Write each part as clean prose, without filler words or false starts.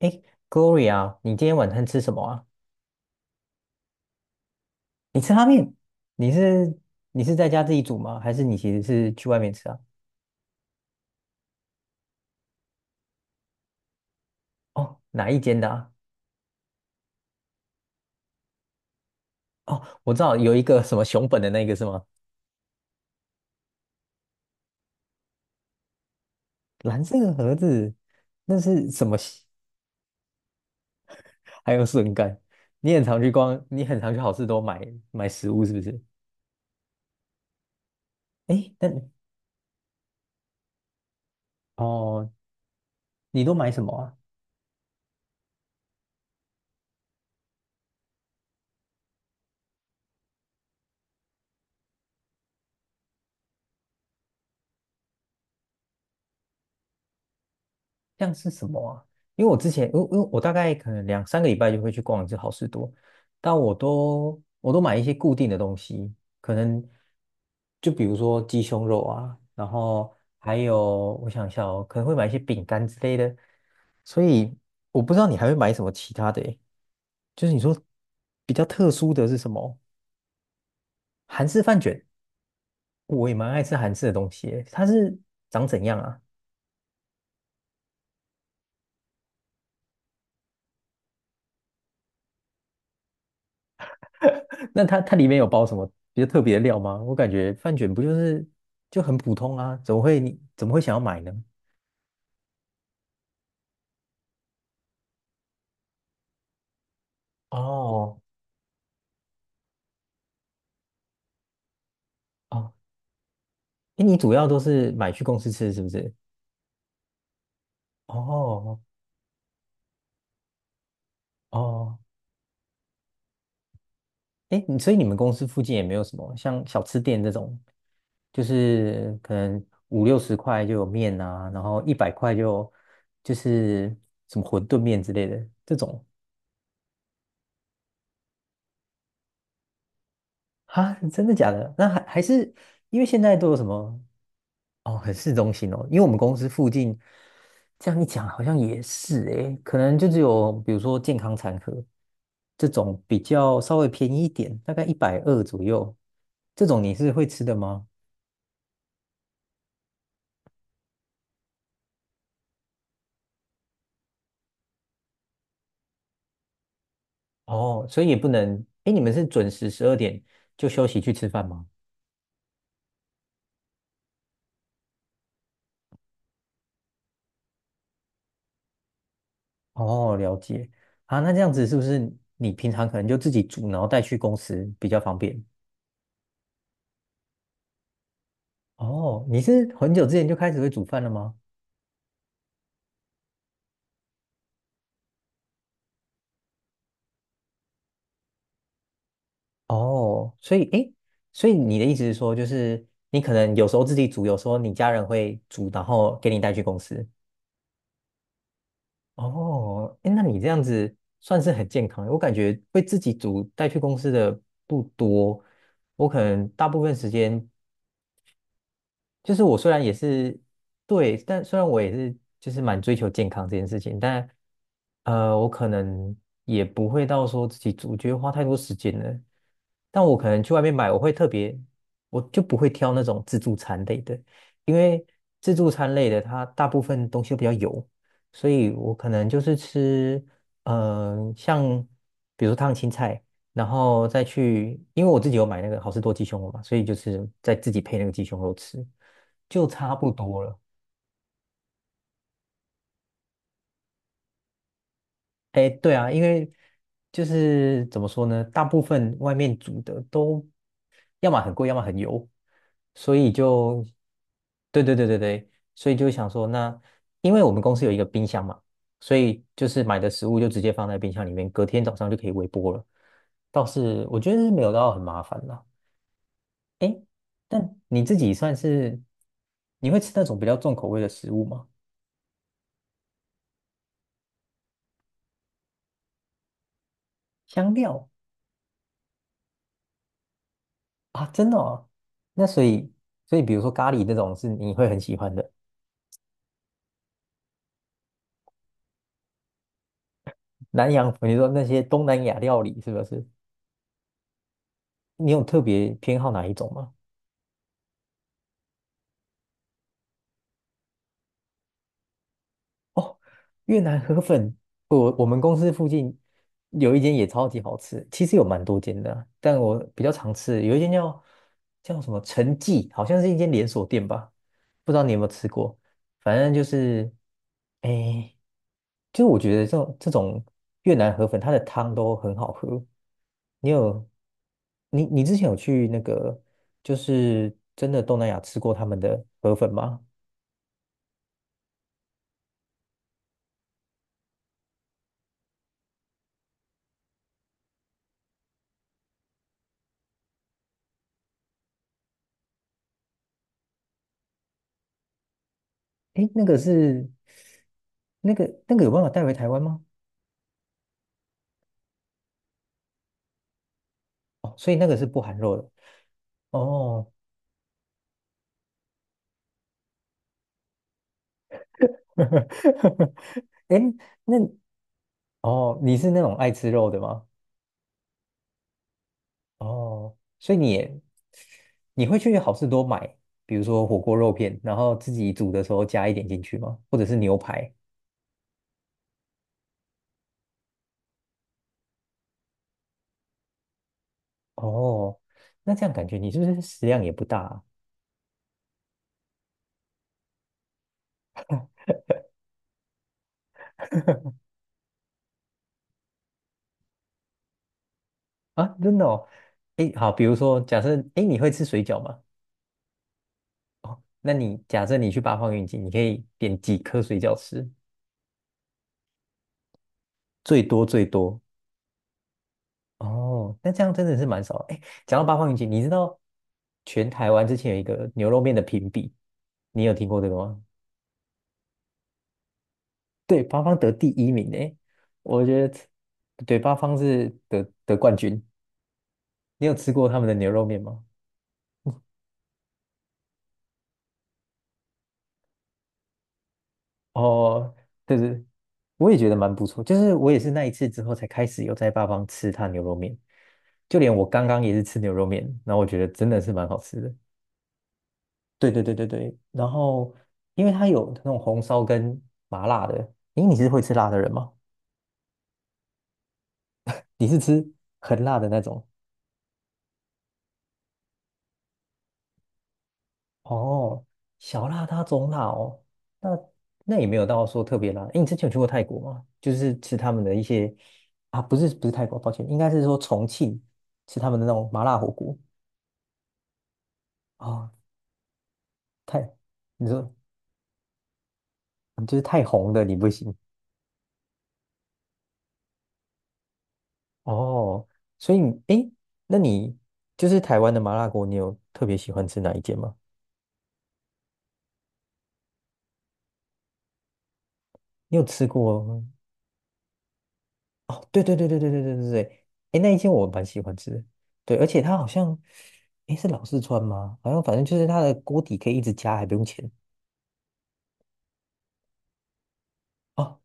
诶 g l o r i a 你今天晚餐吃什么啊？你吃拉面？你是你是在家自己煮吗？还是你其实是去外面吃啊？哦，哪一间的啊？哦，我知道有一个什么熊本的那个是吗？蓝色的盒子，那是什么西 还有笋干。你很常去逛，你很常去好事多买食物是不是？诶，那哦，你都买什么啊？像是什么啊？因为我之前，因为因为我大概可能两三个礼拜就会去逛一次好事多，但我都买一些固定的东西，可能就比如说鸡胸肉啊，然后还有我想一下哦，可能会买一些饼干之类的，所以我不知道你还会买什么其他的诶就是你说比较特殊的是什么？韩式饭卷，我也蛮爱吃韩式的东西诶它是长怎样啊？那它里面有包什么比较特别的料吗？我感觉饭卷不就是就很普通啊，怎么会你怎么会想要买呢？哦哦，哎，你主要都是买去公司吃是不是？哦哦，哎，你所以你们公司附近也没有什么像小吃店这种，就是可能五六十块就有面啊，然后100块就就是什么馄饨面之类的这种啊，真的假的？那还是因为现在都有什么？哦，很市中心哦，因为我们公司附近，这样一讲好像也是诶，可能就只有比如说健康餐盒这种比较稍微便宜一点，大概120左右，这种你是会吃的吗？哦，所以也不能，诶，你们是准时12点就休息去吃饭吗？哦，了解啊，那这样子是不是你平常可能就自己煮，然后带去公司比较方便？哦，你是很久之前就开始会煮饭了吗？哦，所以诶，所以你的意思是说，就是你可能有时候自己煮，有时候你家人会煮，然后给你带去公司。哦，诶，那你这样子算是很健康的我感觉会自己煮带去公司的不多，我可能大部分时间就是我虽然也是对，但虽然我也是就是蛮追求健康这件事情，但我可能也不会到说自己煮，我觉得花太多时间了。但我可能去外面买，我会特别，我就不会挑那种自助餐类的，因为自助餐类的它大部分东西都比较油，所以我可能就是吃，像比如说烫青菜。然后再去，因为我自己有买那个好事多鸡胸肉嘛，所以就是再自己配那个鸡胸肉吃，就差不多了。哎，对啊，因为就是怎么说呢，大部分外面煮的都要么很贵，要么很油，所以就，对对对对对，所以就想说，那因为我们公司有一个冰箱嘛，所以就是买的食物就直接放在冰箱里面，隔天早上就可以微波了，倒是我觉得是没有到很麻烦啦。诶，但你自己算是，你会吃那种比较重口味的食物吗？香料啊，真的哦。那所以，所以比如说咖喱那种是你会很喜欢的，南洋，你说那些东南亚料理是不是？你有特别偏好哪一种吗？哦。越南河粉，我我们公司附近有一间也超级好吃，其实有蛮多间的啊但我比较常吃，有一间叫叫什么陈记，好像是一间连锁店吧，不知道你有没有吃过。反正就是，哎，就是我觉得这种越南河粉，它的汤都很好喝。你有你之前有去那个就是真的东南亚吃过他们的河粉吗？哎，那个是。那个有办法带回台湾吗？哦，所以那个是不含肉的。哦，哎那哦，你是那种爱吃肉的吗？哦，所以你也你会去好事多买，比如说火锅肉片，然后自己煮的时候加一点进去吗？或者是牛排？哦，那这样感觉你是不是食量也不大啊？啊，真的哦。哎，好，比如说假设，哎，你会吃水饺吗？哦，那你假设你去八方云集，你可以点几颗水饺吃？最多最多哦，那这样真的是蛮少的。哎，讲到八方云集，你知道全台湾之前有一个牛肉面的评比，你有听过这个吗？对，八方得第一名哎，我觉得对，八方是得冠军。你有吃过他们的牛肉面吗？哦，对对，我也觉得蛮不错。就是我也是那一次之后才开始有在八方吃他牛肉面，就连我刚刚也是吃牛肉面，然后我觉得真的是蛮好吃的。对对对对对，然后因为它有那种红烧跟麻辣的，诶，你是会吃辣的人吗？你是吃很辣的那种？哦，小辣它中辣哦，那那也没有到说特别辣。诶，你之前有去过泰国吗？就是吃他们的一些啊，不是不是泰国，抱歉，应该是说重庆吃他们的那种麻辣火锅哦，太，你说嗯就是太红的你不行哦，所以你诶，那你就是台湾的麻辣锅，你有特别喜欢吃哪一间吗？你有吃过？哦，对对对对对对对对对，哎，那一间我蛮喜欢吃的，对，而且它好像，哎，是老四川吗？好像反正就是它的锅底可以一直加，还不用钱。哦，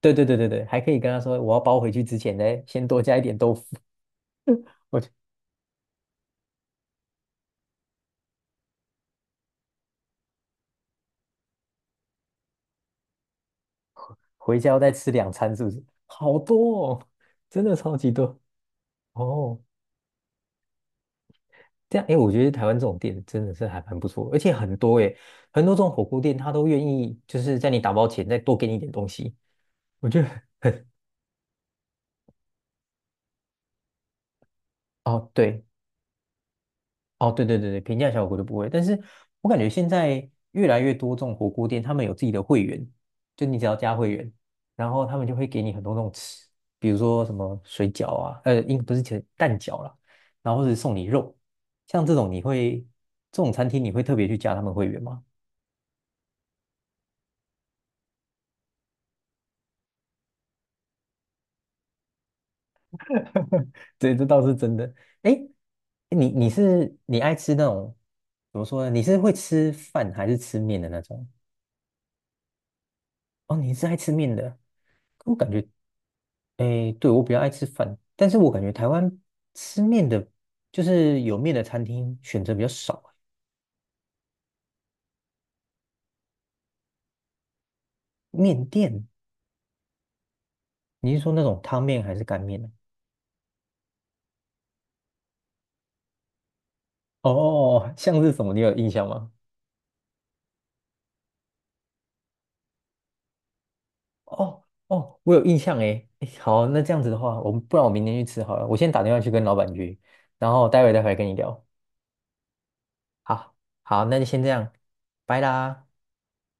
对对对对对，还可以跟他说我要包回去之前呢，先多加一点豆腐，我就回家要再吃两餐，是不是？好多哦，真的超级多哦。这样，哎，我觉得台湾这种店真的是还蛮不错，而且很多哎，很多这种火锅店他都愿意就是在你打包前再多给你一点东西，我觉得很。哦，对，哦，对对对对，平价小火锅就不会。但是我感觉现在越来越多这种火锅店，他们有自己的会员，就你只要加会员，然后他们就会给你很多那种吃，比如说什么水饺啊，应不是其实蛋饺啦，然后或者送你肉，像这种你会这种餐厅你会特别去加他们会员吗？对，这倒是真的。哎，你你是你爱吃那种怎么说呢？你是会吃饭还是吃面的那种？哦，你是爱吃面的，我感觉诶，对，我比较爱吃饭，但是我感觉台湾吃面的，就是有面的餐厅选择比较少。面店，你是说那种汤面还是干面呢？哦哦哦，像是什么？你有印象吗？哦哦，我有印象诶。诶好，那这样子的话，我们不然我明天去吃好了。我先打电话去跟老板约，然后待会跟你聊。好，好，那就先这样，拜啦。